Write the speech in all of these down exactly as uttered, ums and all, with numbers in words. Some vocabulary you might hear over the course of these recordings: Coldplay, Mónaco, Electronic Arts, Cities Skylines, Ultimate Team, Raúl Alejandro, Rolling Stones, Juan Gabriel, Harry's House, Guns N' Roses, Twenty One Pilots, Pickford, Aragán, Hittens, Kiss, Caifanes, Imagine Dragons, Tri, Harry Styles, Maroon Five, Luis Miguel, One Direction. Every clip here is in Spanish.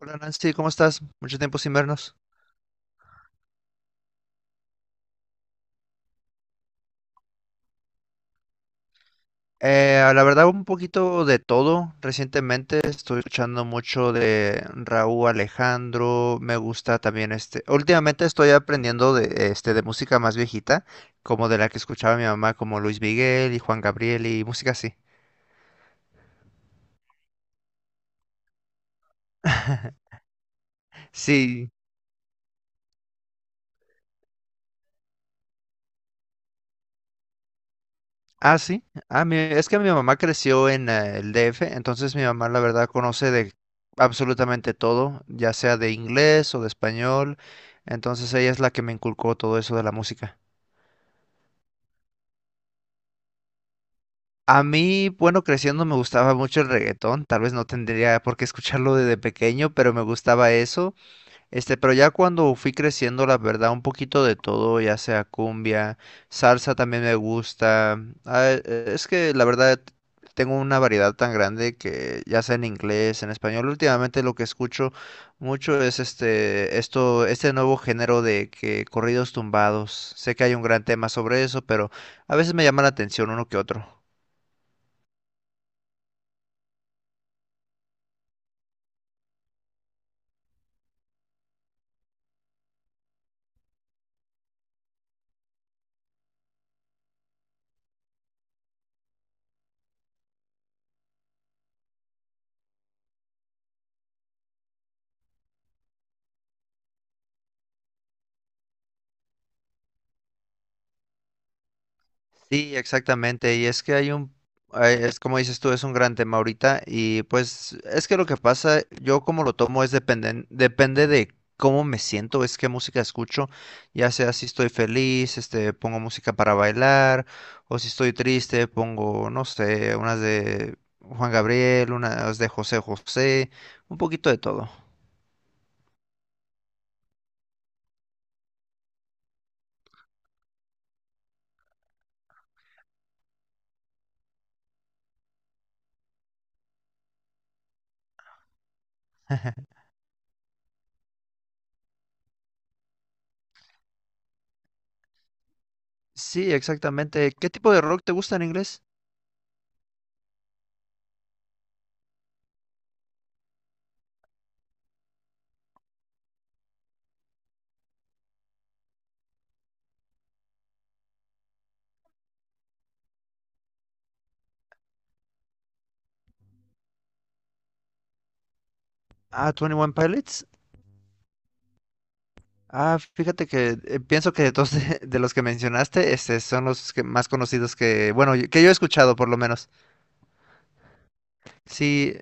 Hola Nancy, ¿cómo estás? Mucho tiempo sin vernos. Eh, la verdad, un poquito de todo. Recientemente estoy escuchando mucho de Raúl Alejandro. Me gusta también este. Últimamente estoy aprendiendo de este de música más viejita, como de la que escuchaba mi mamá, como Luis Miguel y Juan Gabriel y música así. Sí. Ah, sí. Ah, mi- es que mi mamá creció en eh, el D F, entonces mi mamá la verdad conoce de absolutamente todo, ya sea de inglés o de español, entonces ella es la que me inculcó todo eso de la música. A mí, bueno, creciendo me gustaba mucho el reggaetón, tal vez no tendría por qué escucharlo desde pequeño, pero me gustaba eso. Este, pero ya cuando fui creciendo, la verdad, un poquito de todo, ya sea cumbia, salsa también me gusta. Ah, eh, es que la verdad tengo una variedad tan grande que ya sea en inglés, en español, últimamente lo que escucho mucho es este, esto, este nuevo género de que corridos tumbados. Sé que hay un gran tema sobre eso, pero a veces me llama la atención uno que otro. Sí, exactamente. Y es que hay un, hay- es como dices tú, es un gran tema ahorita. Y pues es que lo que pasa, yo como lo tomo es dependen- depende de cómo me siento, es qué música escucho. Ya sea si estoy feliz, este, pongo música para bailar, o si estoy triste, pongo, no sé, unas de Juan Gabriel, unas de José José, un poquito de todo. Sí, exactamente. ¿Qué tipo de rock te gusta en inglés? Ah, Twenty One Pilots. Ah, fíjate que eh, pienso que de todos de, de los que mencionaste, este, son los que más conocidos que, bueno, yo- que yo he escuchado por lo menos. Sí,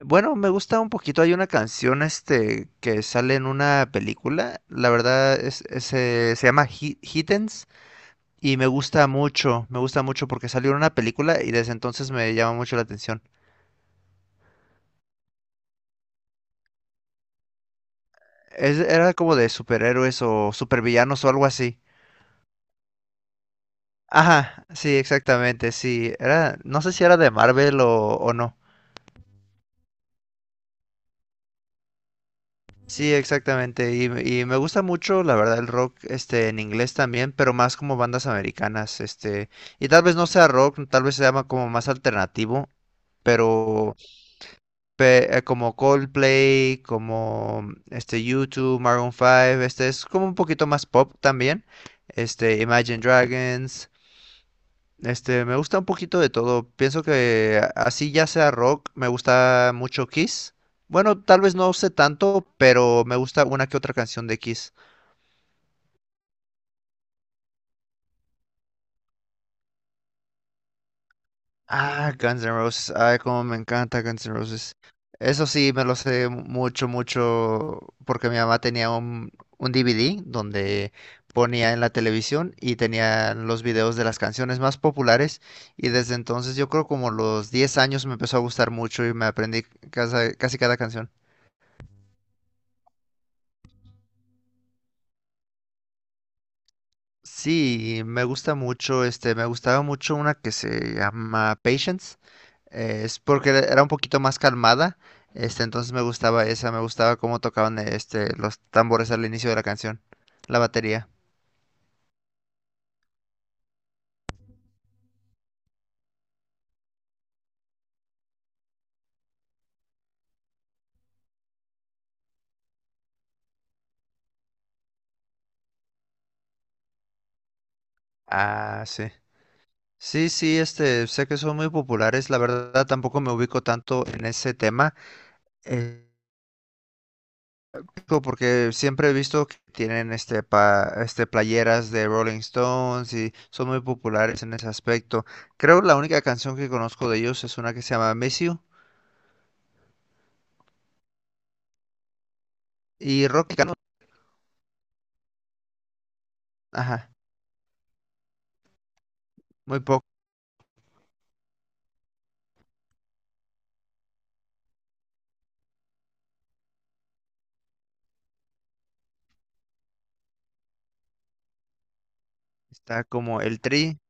bueno, me gusta un poquito. Hay una canción, este, que sale en una película. La verdad es, es, eh, se llama Hi- Hittens y me gusta mucho. Me gusta mucho porque salió en una película y desde entonces me llama mucho la atención. Es- era como de superhéroes o supervillanos o algo así. Ajá, sí, exactamente, sí. Era, no sé si era de Marvel o o no. Sí, exactamente. Y, me y me gusta mucho, la verdad, el rock, este, en inglés también, pero más como bandas americanas, este, y tal vez no sea rock, tal vez se llama como más alternativo, pero pe- eh, como Coldplay, como mm, este YouTube, Maroon Five, este es como un poquito más pop también, este, Imagine Dragons, este, me gusta un poquito de todo. Pienso que a- así ya sea rock, me gusta mucho Kiss. Bueno, tal vez no sé tanto, pero me gusta una que otra canción de Kiss. Ah, Guns N' Roses. Ay, cómo me encanta Guns N' Roses. Eso sí, me lo sé mucho, mucho, porque mi mamá tenía un, un D V D donde ponía en la televisión y tenía los videos de las canciones más populares. Y desde entonces, yo creo como los diez años me empezó a gustar mucho y me aprendí casa- casi cada canción. Sí, me gusta mucho, este, me gustaba mucho una que se llama Patience, eh, es porque era era un poquito más calmada, este, entonces me gustaba esa, me gustaba cómo tocaban eh, este, los tambores al inicio de la canción, la batería. Ah, sí. Sí, sí, este, sé que son muy populares, la verdad tampoco me ubico tanto en ese tema. eh, Porque siempre he visto que tienen este, pa, este playeras de Rolling Stones y son muy populares en ese aspecto. Creo la única canción que conozco de ellos es una que se llama Miss You y rock mexicano, ajá, muy poco. Está como el Tri,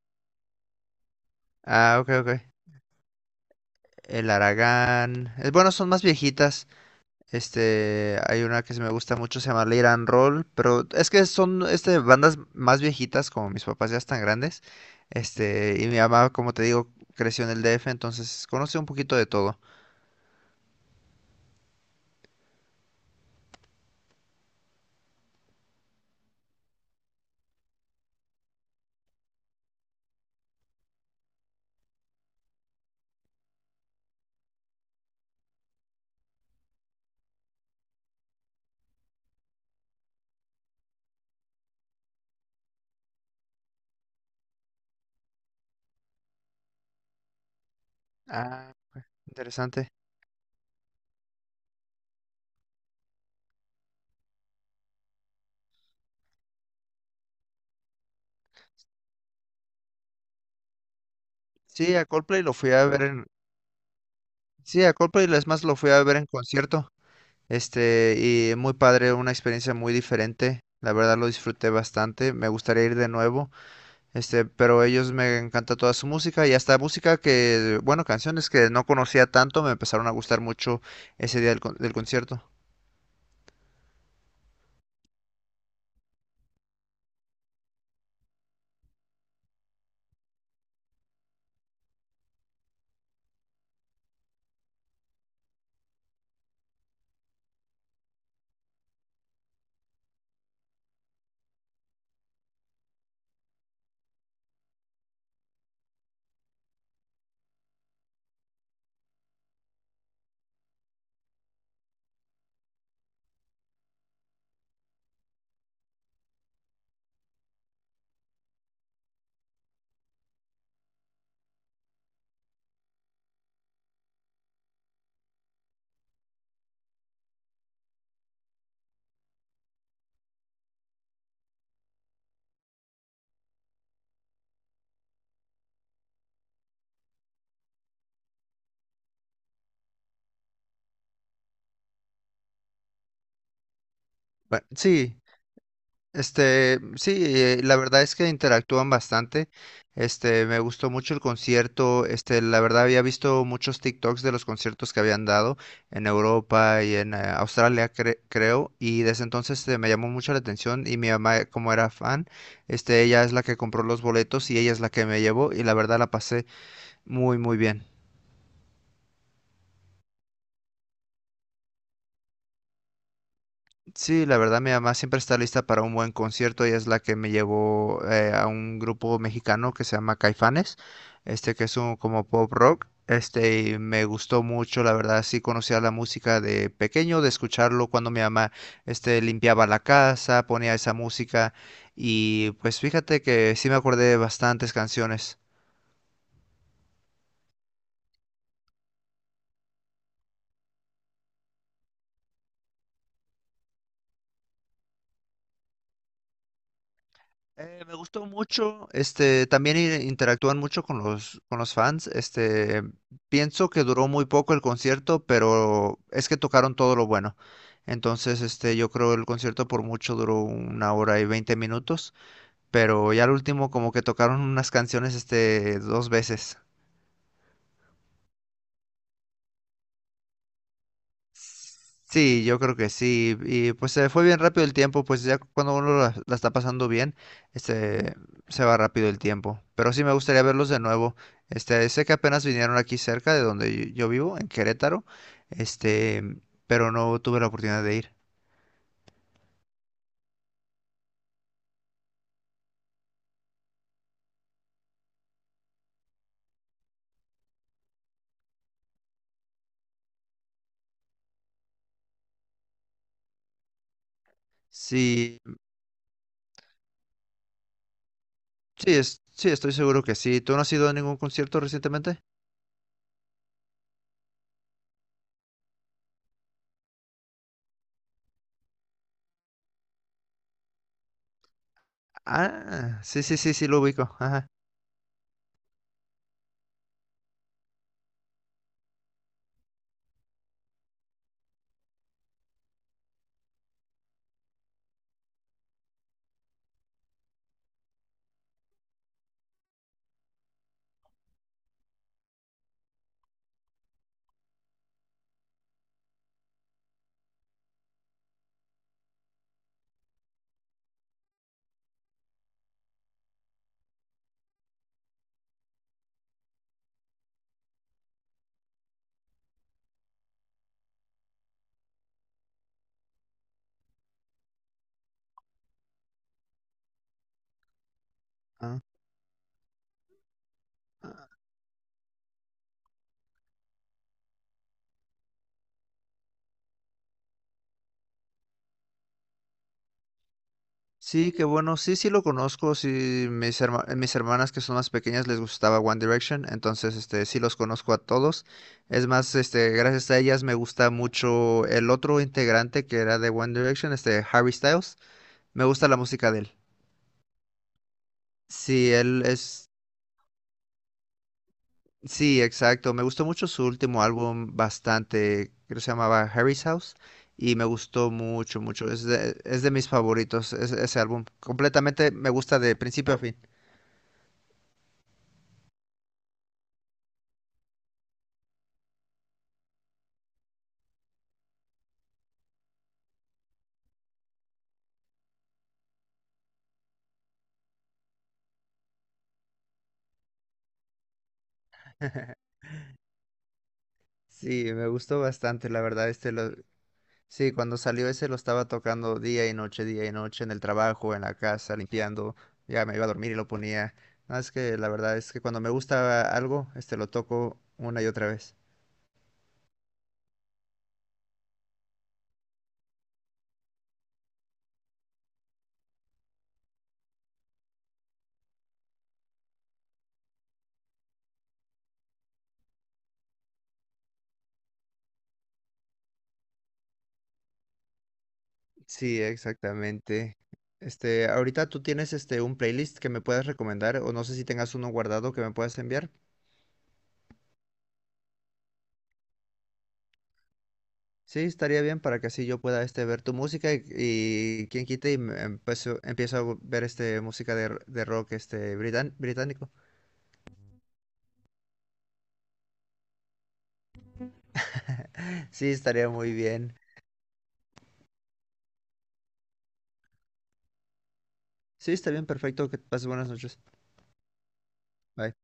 ah, ok, ok, el Aragán, es, bueno, son más viejitas. Este, hay una que se me gusta mucho, se llama Late and Roll, pero es que son este, bandas más viejitas, como mis papás ya están grandes. Este, y mi mamá, como te digo, creció en el D F, entonces conoce un poquito de todo. Ah, interesante. Sí, a Coldplay lo fui a ver en... Sí, a Coldplay es más lo fui a ver en concierto. Este, y muy padre, una experiencia muy diferente. La verdad lo disfruté bastante. Me gustaría ir de nuevo. Este, pero ellos me encanta toda su música y hasta música que, bueno, canciones que no conocía tanto me empezaron a gustar mucho ese día del, con- del concierto. Bueno, sí, este, sí, eh, la verdad es que interactúan bastante. Este, me gustó mucho el concierto. Este, la verdad había visto muchos TikToks de los conciertos que habían dado en Europa y en eh, Australia, cre- creo, y desde entonces este, me llamó mucho la atención y mi mamá, como era fan, este, ella es la que compró los boletos y ella es la que me llevó y la verdad la pasé muy, muy bien. Sí, la verdad mi mamá siempre está lista para un buen concierto. Ella es la que me llevó eh, a un grupo mexicano que se llama Caifanes, este que es un como pop rock. Este, y me gustó mucho, la verdad, sí conocía la música de pequeño, de escucharlo cuando mi mamá, este, limpiaba la casa, ponía esa música y pues fíjate que sí me acordé de bastantes canciones. Eh, me gustó mucho, este, también i- interactúan mucho con los, con los fans, este, pienso que duró muy poco el concierto, pero es que tocaron todo lo bueno. Entonces, este, yo creo el concierto por mucho duró una hora y veinte minutos, pero ya al último como que tocaron unas canciones, este, dos veces. Sí, yo creo que sí. Y pues se fue bien rápido el tiempo, pues ya cuando uno la, la está pasando bien, este, se va rápido el tiempo. Pero sí me gustaría verlos de nuevo. Este, sé que apenas vinieron aquí cerca de donde yo yo vivo, en Querétaro, este, pero no tuve la oportunidad de ir. Sí, sí, es- sí, estoy seguro que sí. ¿Tú no has ido a ningún concierto recientemente? Ah, sí, sí, sí, sí, lo ubico. Ajá. Ah. Sí, qué bueno. Sí, sí lo conozco. Sí, mis herma- mis hermanas que son más pequeñas les gustaba One Direction, entonces este sí los conozco a todos. Es más, este gracias a ellas me gusta mucho el otro integrante que era de One Direction, este Harry Styles. Me gusta la música de él. Sí, él es sí, exacto. Me gustó mucho su último álbum bastante, creo que se llamaba Harry's House y me gustó mucho, mucho. Es de, es de mis favoritos ese ese álbum. Completamente me gusta de principio a fin. Sí, me gustó bastante, la verdad. Este lo... Sí, cuando salió ese lo estaba tocando día y noche, día y noche, en el trabajo, en la casa, limpiando. Ya me iba a dormir y lo ponía. No, es que la verdad es que cuando me gusta algo, este lo toco una y otra vez. Sí, exactamente. Este, ahorita tú tienes este un playlist que me puedas recomendar, o no sé si tengas uno guardado que me puedas enviar. Sí, estaría bien para que así yo pueda este ver tu música y, y quien quite y me empiezo, empiezo a ver este música de, de rock este britan- británico. Sí, estaría muy bien. Sí, está bien, perfecto, que pases buenas noches. Bye.